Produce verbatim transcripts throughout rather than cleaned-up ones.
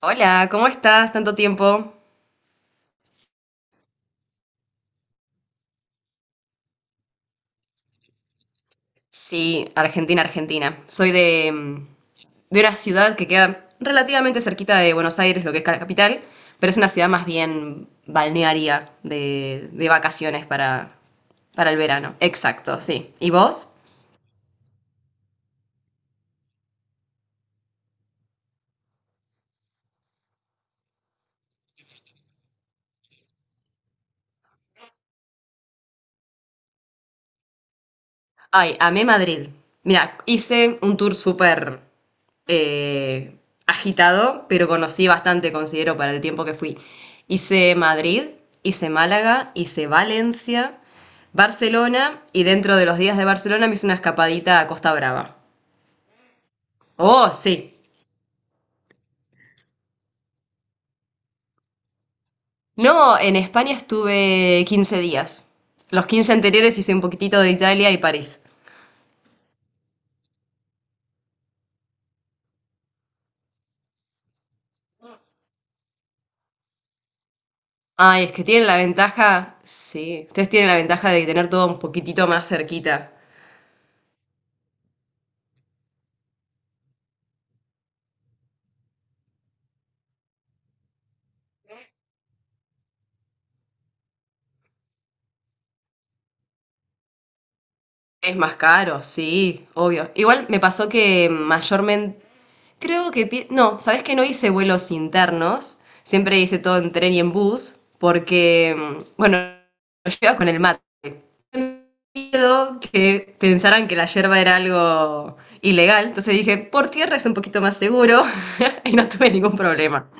Hola, ¿cómo estás? ¿Tanto tiempo? Sí, Argentina, Argentina. Soy de, mm, de una ciudad que queda relativamente cerquita de Buenos Aires, lo que es la capital, pero es una ciudad más bien balnearia de, de vacaciones para, para el verano. Exacto, sí. ¿Y vos? Ay, amé Madrid. Mira, hice un tour súper eh, agitado, pero conocí bastante, considero, para el tiempo que fui. Hice Madrid, hice Málaga, hice Valencia, Barcelona, y dentro de los días de Barcelona me hice una escapadita a Costa Brava. Oh, sí. No, en España estuve quince días. Los quince anteriores hice un poquitito de Italia y París. Ay, es que tienen la ventaja, sí, ustedes tienen la ventaja de tener todo un poquitito más cerquita. Es más caro, sí, obvio. Igual me pasó que mayormente, creo que, pi- no, ¿sabes que no hice vuelos internos? Siempre hice todo en tren y en bus, porque, mm, bueno, yo iba con el mate. Miedo que pensaran que la yerba era algo ilegal, entonces dije, por tierra es un poquito más seguro y no tuve ningún problema.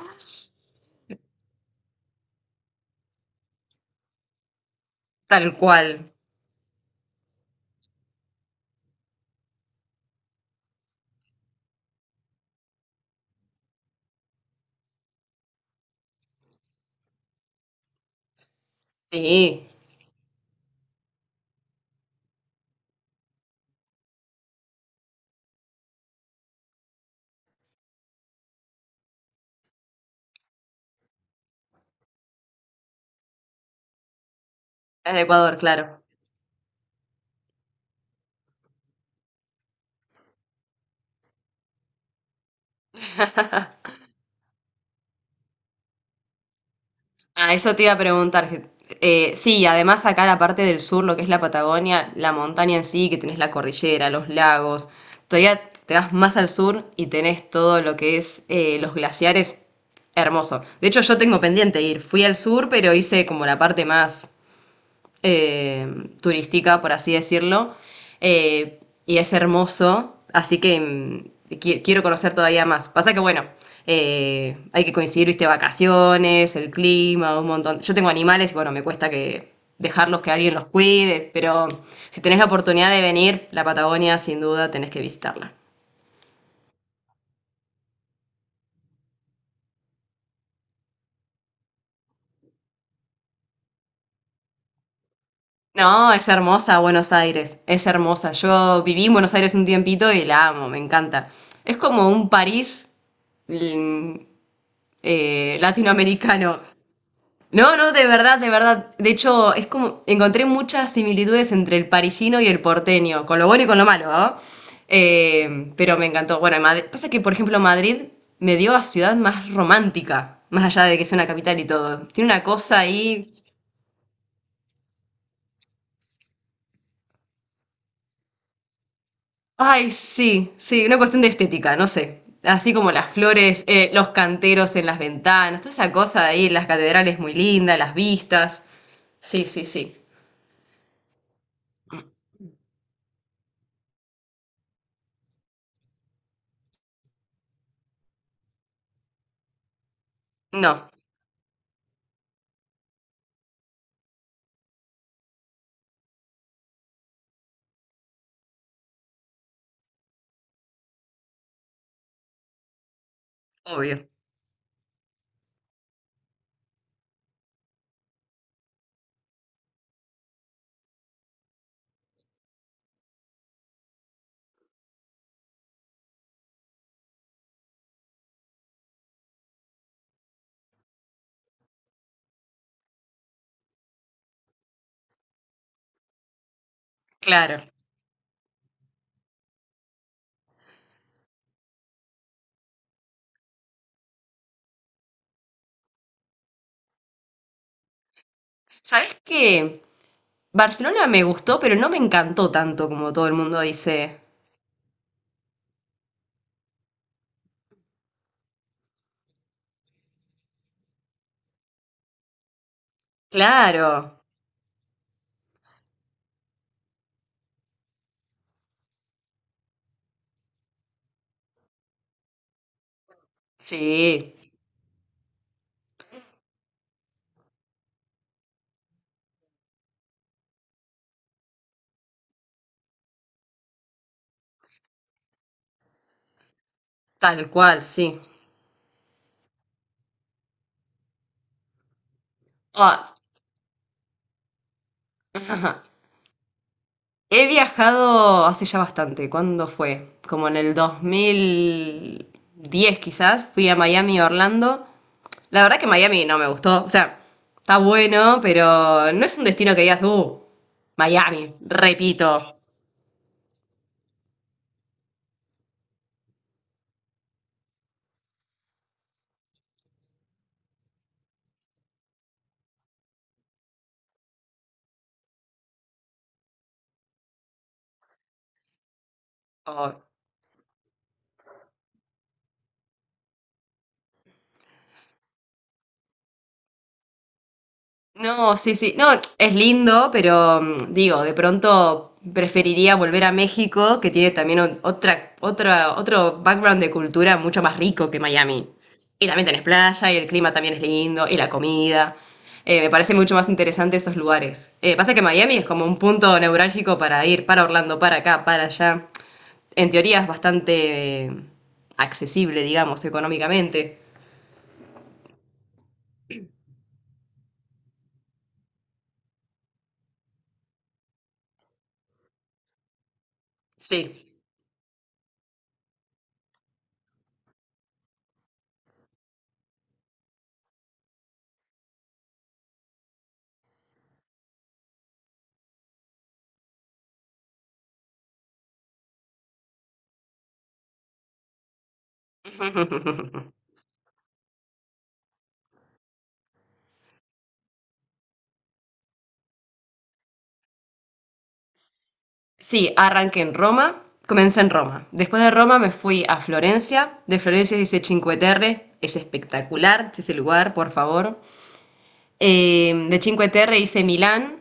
Tal cual, sí, es de Ecuador, claro. Ah, eso te iba a preguntar. que- eh, sí, además acá la parte del sur, lo que es la Patagonia, la montaña en sí, que tenés la cordillera, los lagos, todavía te das más al sur y tenés todo lo que es eh, los glaciares, hermoso. De hecho, yo tengo pendiente ir. Fui al sur, pero hice como la parte más eh, turística, por así decirlo, eh, y es hermoso, así que mm, qui- quiero conocer todavía más. Pasa que, bueno, eh, hay que coincidir, viste, vacaciones, el clima, un montón. Yo tengo animales y, bueno, me cuesta que dejarlos que alguien los cuide, pero si tenés la oportunidad de venir, la Patagonia, sin duda, tenés que visitarla. No, es hermosa Buenos Aires, es hermosa. Yo viví en Buenos Aires un tiempito y la amo, me encanta. Es como un París mm, eh, latinoamericano. No, no, de verdad, de verdad. De hecho, es como encontré muchas similitudes entre el parisino y el porteño, con lo bueno y con lo malo, ¿no? Eh, pero me encantó. Bueno, en Madrid, pasa que, por ejemplo, Madrid me dio a ciudad más romántica, más allá de que es una capital y todo. Tiene una cosa ahí. Ay, sí, sí, una cuestión de estética, no sé. Así como las flores, eh, los canteros en las ventanas, toda esa cosa de ahí, las catedrales muy lindas, las vistas. Sí, sí, sí. No, obvio. Claro. ¿Sabes qué? Barcelona me gustó, pero no me encantó tanto como todo el mundo dice. Claro. Sí, tal cual, sí. Ah, he viajado hace ya bastante. ¿Cuándo fue? Como en el dos mil diez quizás. Fui a Miami, Orlando. La verdad que Miami no me gustó. O sea, está bueno, pero no es un destino que digas, uh, Miami, repito. No, sí, sí. No, es lindo, pero mm, digo, de pronto preferiría volver a México, que tiene también o- otra, otra, otro background de cultura mucho más rico que Miami. Y también tenés playa, y el clima también es lindo, y la comida. Eh, me parece mucho más interesante esos lugares. Eh, pasa que Miami es como un punto neurálgico para ir para Orlando, para acá, para allá. En teoría es bastante eh, accesible, digamos, económicamente. Sí. Sí, arranqué en Roma, comencé en Roma. Después de Roma me fui a Florencia. De Florencia hice Cinque Terre, es espectacular ese lugar, por favor. Eh, de Cinque Terre hice Milán,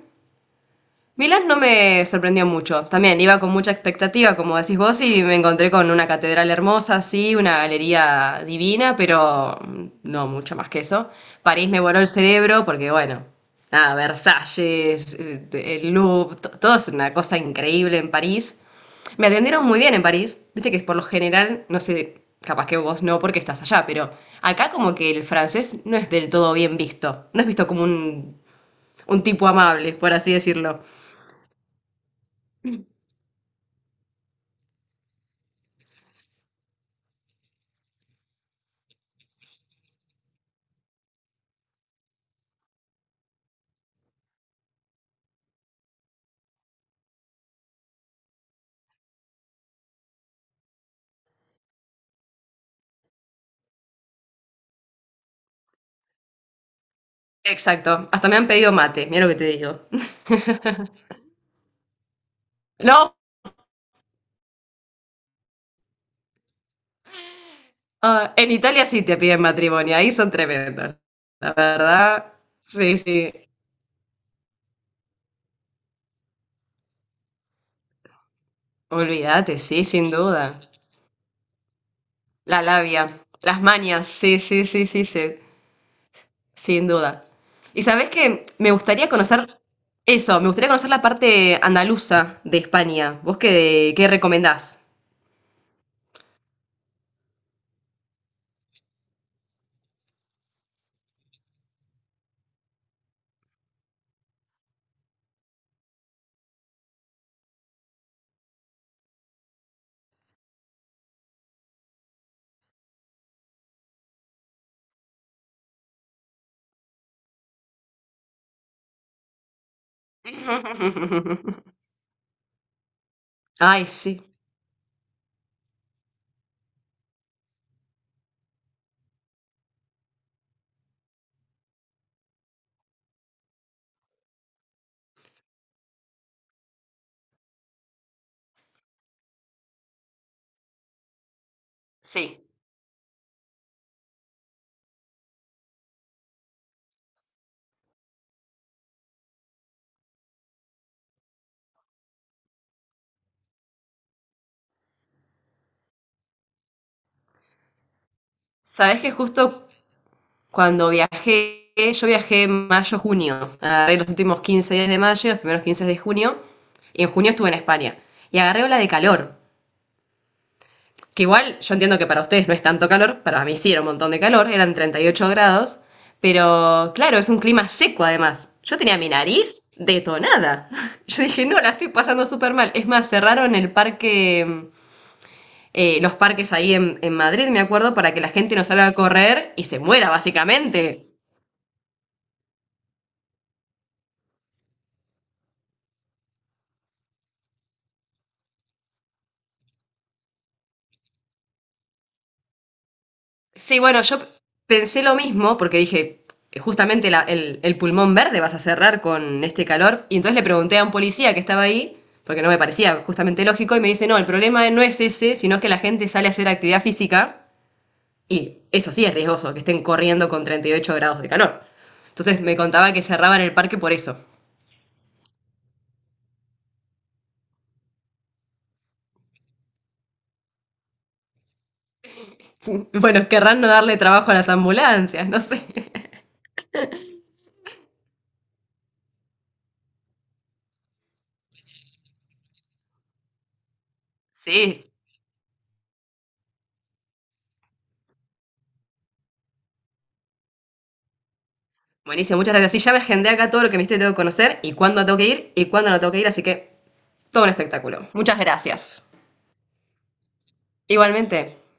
Milán no me sorprendió mucho. También iba con mucha expectativa, como decís vos, y me encontré con una catedral hermosa, sí, una galería divina, pero no mucho más que eso. París me voló el cerebro porque, bueno, nada, Versalles, eh, el Louvre, to- todo es una cosa increíble en París. Me atendieron muy bien en París. Viste que por lo general, no sé, capaz que vos no porque estás allá, pero acá como que el francés no es del todo bien visto. No es visto como un, un tipo amable, por así decirlo. Exacto. Hasta me han pedido mate, mira lo que te digo. No, ah, en Italia sí te piden matrimonio, ahí son tremendos. La verdad, sí, sí. Olvídate, sí, sin duda. La labia, las mañas, sí, sí, sí, sí, sí, sin duda. Y sabes que me gustaría conocer eso, me gustaría conocer la parte andaluza de España. ¿Vos qué, qué recomendás? Ay, sí. Sí. Sabés que justo cuando viajé, yo viajé en mayo, junio. Agarré los últimos quince días de mayo, los primeros quince de junio. Y en junio estuve en España. Y agarré ola de calor. Que igual yo entiendo que para ustedes no es tanto calor, para mí sí era un montón de calor, eran treinta y ocho grados. Pero claro, es un clima seco además. Yo tenía mi nariz detonada. Yo dije, no, la estoy pasando súper mal. Es más, cerraron el parque, eh, los parques ahí en, en Madrid, me acuerdo, para que la gente no salga a correr y se muera, básicamente. Sí, bueno, yo p- pensé lo mismo porque dije, eh, justamente la- el, el pulmón verde vas a cerrar con este calor. Y entonces le pregunté a un policía que estaba ahí, porque no me parecía justamente lógico, y me dice, no, el problema no es ese, sino es que la gente sale a hacer actividad física y eso sí es riesgoso, que estén corriendo con treinta y ocho grados de calor. Entonces me contaba que cerraban el parque por eso. Bueno, querrán no darle trabajo a las ambulancias, no sé. Sí, buenísimo, muchas gracias. Sí, ya me agendé acá todo lo que me dijiste que tengo que conocer y cuándo tengo que ir y cuándo no tengo que ir, así que todo un espectáculo. Muchas gracias. Igualmente,